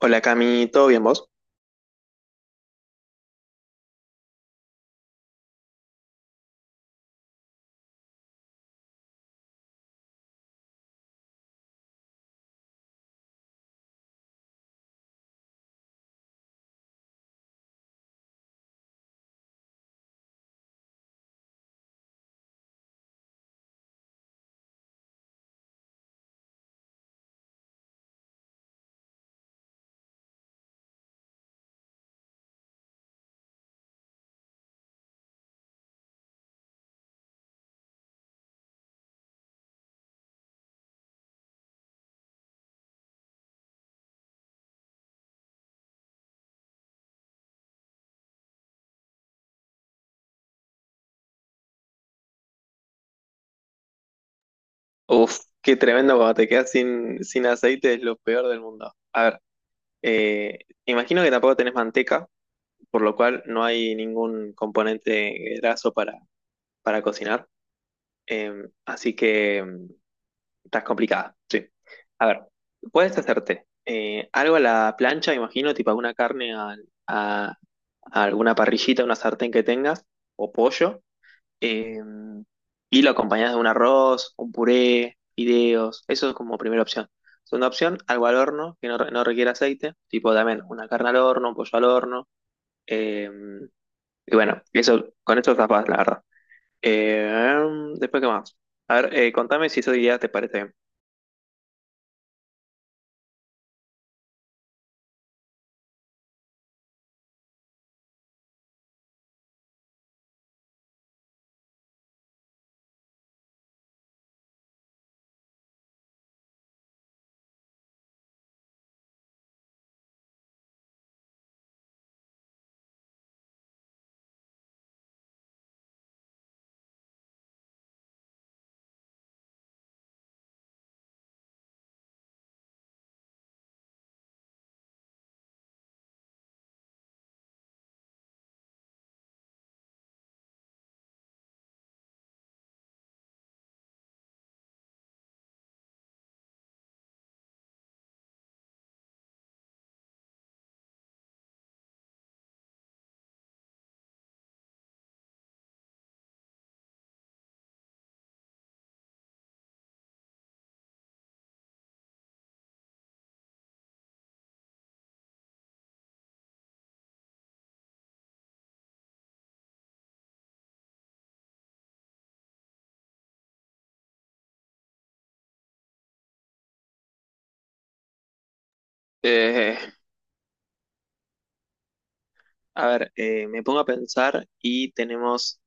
Hola Cami, ¿todo bien vos? Uf, qué tremendo cuando te quedas sin aceite, es lo peor del mundo. A ver, eh, imagino que tampoco tenés manteca, por lo cual no hay ningún componente graso para cocinar, así que estás complicada, sí. A ver, puedes hacerte algo a la plancha, imagino, tipo alguna carne a alguna parrillita, una sartén que tengas, o pollo, eh, y lo acompañás de un arroz, un puré, fideos. Eso es como primera opción. Segunda opción, algo al horno que no, no requiere aceite, tipo también una carne al horno, un pollo al horno. eh, y bueno, eso, con esto tapas, la verdad. Eh, Después, ¿qué más? A ver, contame si esa idea te parece bien. Eh, a ver, me pongo a pensar y tenemos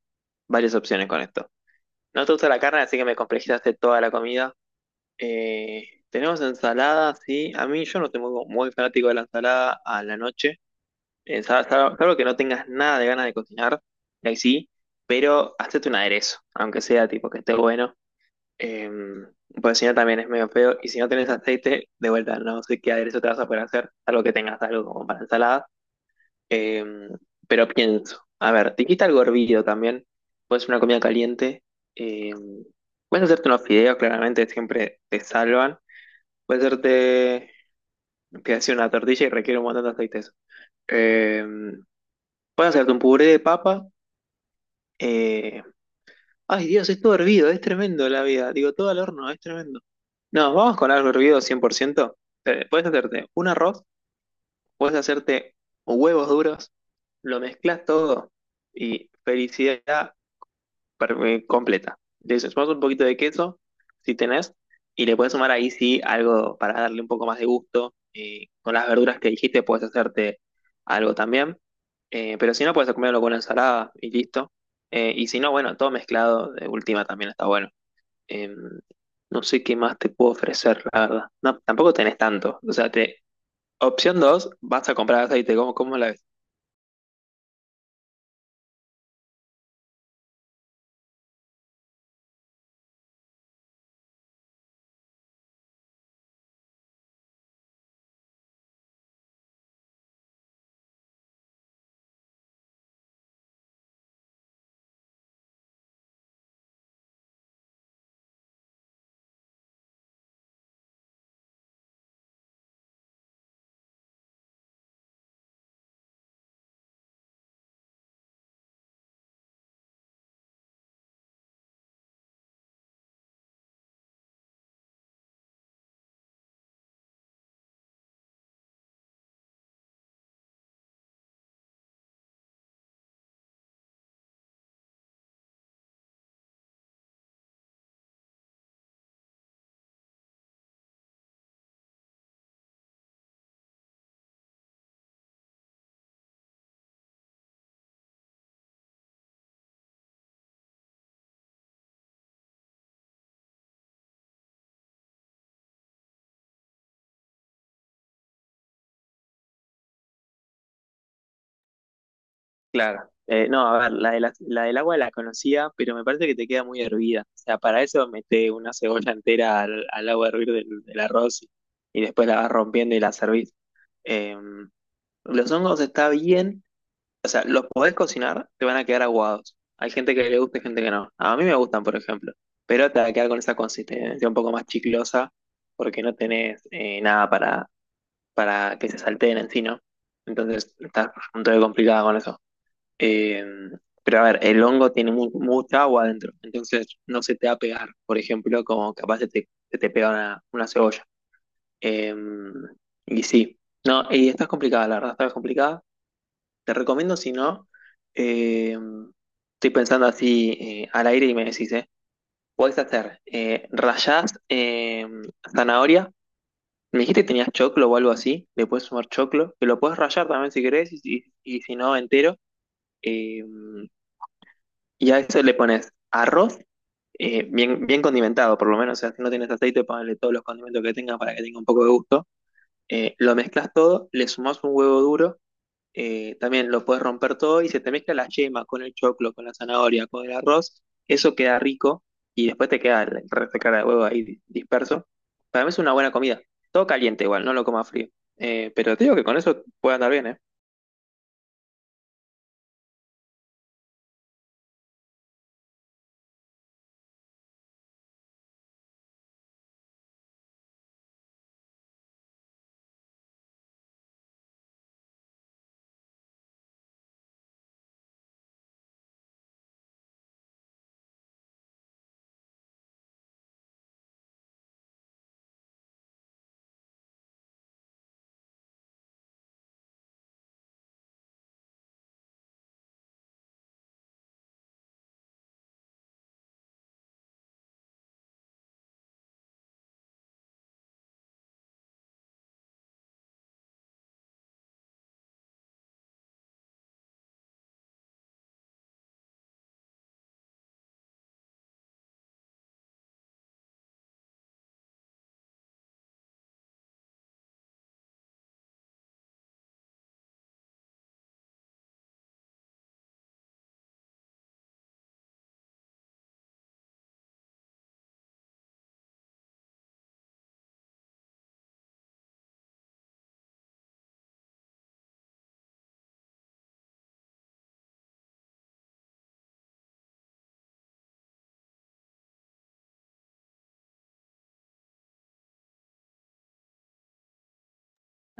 varias opciones con esto. No te gusta la carne, así que me complejizaste toda la comida. Tenemos ensalada, sí. A mí yo no soy muy fanático de la ensalada a la noche. Salvo que no tengas nada de ganas de cocinar, ahí sí. Pero hacete un aderezo, aunque sea tipo que esté bueno. Eh, Porque si no también es medio feo. Y si no tenés aceite, de vuelta, no sé qué aderezo te vas a poder hacer, salvo que tengas algo como para ensalada. Eh, pero pienso, a ver, te quita algo hervido también. Puedes hacer una comida caliente. Eh, Puedes hacerte unos fideos, claramente siempre te salvan. Puede hacerte que hace una tortilla y requiere un montón de aceites. Eh, Puedes hacerte un puré de papa. eh, Ay, Dios, es todo hervido, es tremendo la vida. Digo, todo al horno, es tremendo. No, vamos con algo hervido 100%. Puedes hacerte un arroz, puedes hacerte huevos duros, lo mezclas todo y felicidad, completa. Le sumás un poquito de queso, si tenés, y le puedes sumar ahí sí algo para darle un poco más de gusto. Con las verduras que dijiste puedes hacerte algo también. Pero si no, puedes comerlo con una ensalada y listo. Y si no, bueno, todo mezclado de última también está bueno. Em, no sé qué más te puedo ofrecer, la verdad. No, tampoco tenés tanto. O sea, te, opción 2 vas a comprar aceite. Cómo la ves? Claro. No, a ver, la del agua la conocía, pero me parece que te queda muy hervida. O sea, para eso mete una cebolla entera al agua a hervir del arroz y después la vas rompiendo y la servís. Eh, los hongos está bien, o sea, los podés cocinar, te van a quedar aguados. Hay gente que le gusta y gente que no. A mí me gustan, por ejemplo, pero te va a quedar con esa consistencia un poco más chiclosa porque no tenés nada para que se salteen en sí, ¿no? Entonces, está un poco complicada con eso. Eh, pero a ver, el hongo tiene mucha agua adentro, entonces no se te va a pegar, por ejemplo, como capaz se te pega una cebolla. Eh, y sí, no, y está complicada, la verdad, está complicada. Te recomiendo, si no, eh, estoy pensando así al aire y me decís, ¿eh? Podés hacer rallás zanahoria. Me dijiste que tenías choclo o algo así, le puedes sumar choclo, que lo puedes rallar también si querés, y si no, entero. Em, Y a eso le pones arroz, bien condimentado, por lo menos. O sea, si no tienes aceite, ponle todos los condimentos que tengas para que tenga un poco de gusto. Lo mezclas todo, le sumás un huevo duro, también lo puedes romper todo y se te mezcla la yema con el choclo, con la zanahoria, con el arroz. Eso queda rico y después te queda el resto de clara de huevo ahí disperso. Para mí es una buena comida. Todo caliente igual, no lo coma frío. Pero te digo que con eso puede andar bien, ¿eh?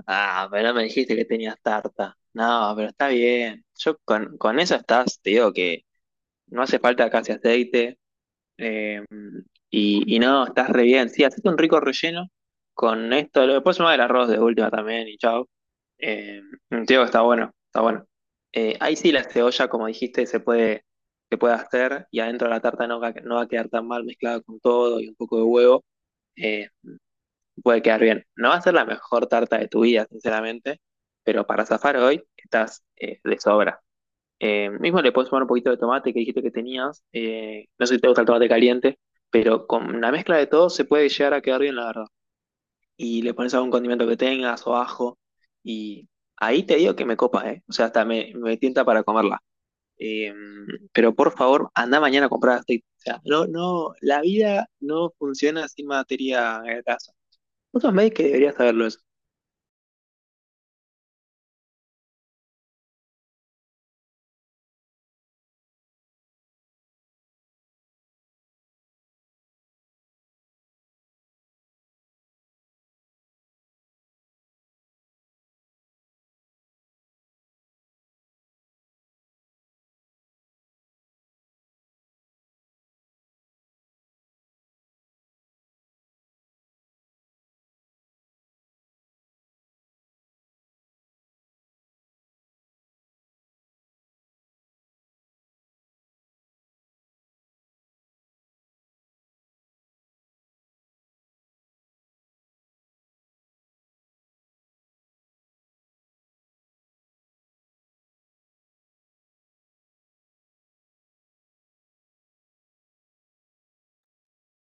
Ah, pero no me dijiste que tenías tarta. No, pero está bien. Yo con esa estás, te digo que no hace falta casi aceite. eh, y, y no, estás re bien. Sí, hacete un rico relleno con esto. Después sumá el arroz de última también y chao. Eh, Te digo que está bueno, está bueno. Ahí sí la cebolla, como dijiste, se puede hacer y adentro de la tarta no va, no va a quedar tan mal mezclada con todo y un poco de huevo. Eh, Puede quedar bien. No va a ser la mejor tarta de tu vida, sinceramente, pero para zafar hoy estás de sobra. Mismo le puedes sumar un poquito de tomate que dijiste que tenías. No sé si te gusta el tomate caliente, pero con la mezcla de todo se puede llegar a quedar bien, la verdad. Y le pones algún condimento que tengas o ajo. Y ahí te digo que me copa, ¿eh? O sea, me tienta para comerla. Eh, pero por favor, anda mañana a comprar aceite. O sea, no, no, la vida no funciona sin materia grasa. Vos sos médico que deberías saberlo eso.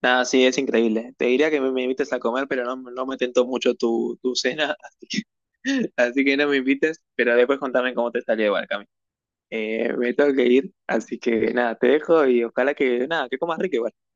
Nada, sí, es increíble. Te diría que me invites a comer, pero no, no me tentó mucho tu cena, así así que no me invites, pero después contame cómo te salió igual, Cami. Me tengo que ir, así que nada, te dejo y ojalá que, nada, que comas rico igual.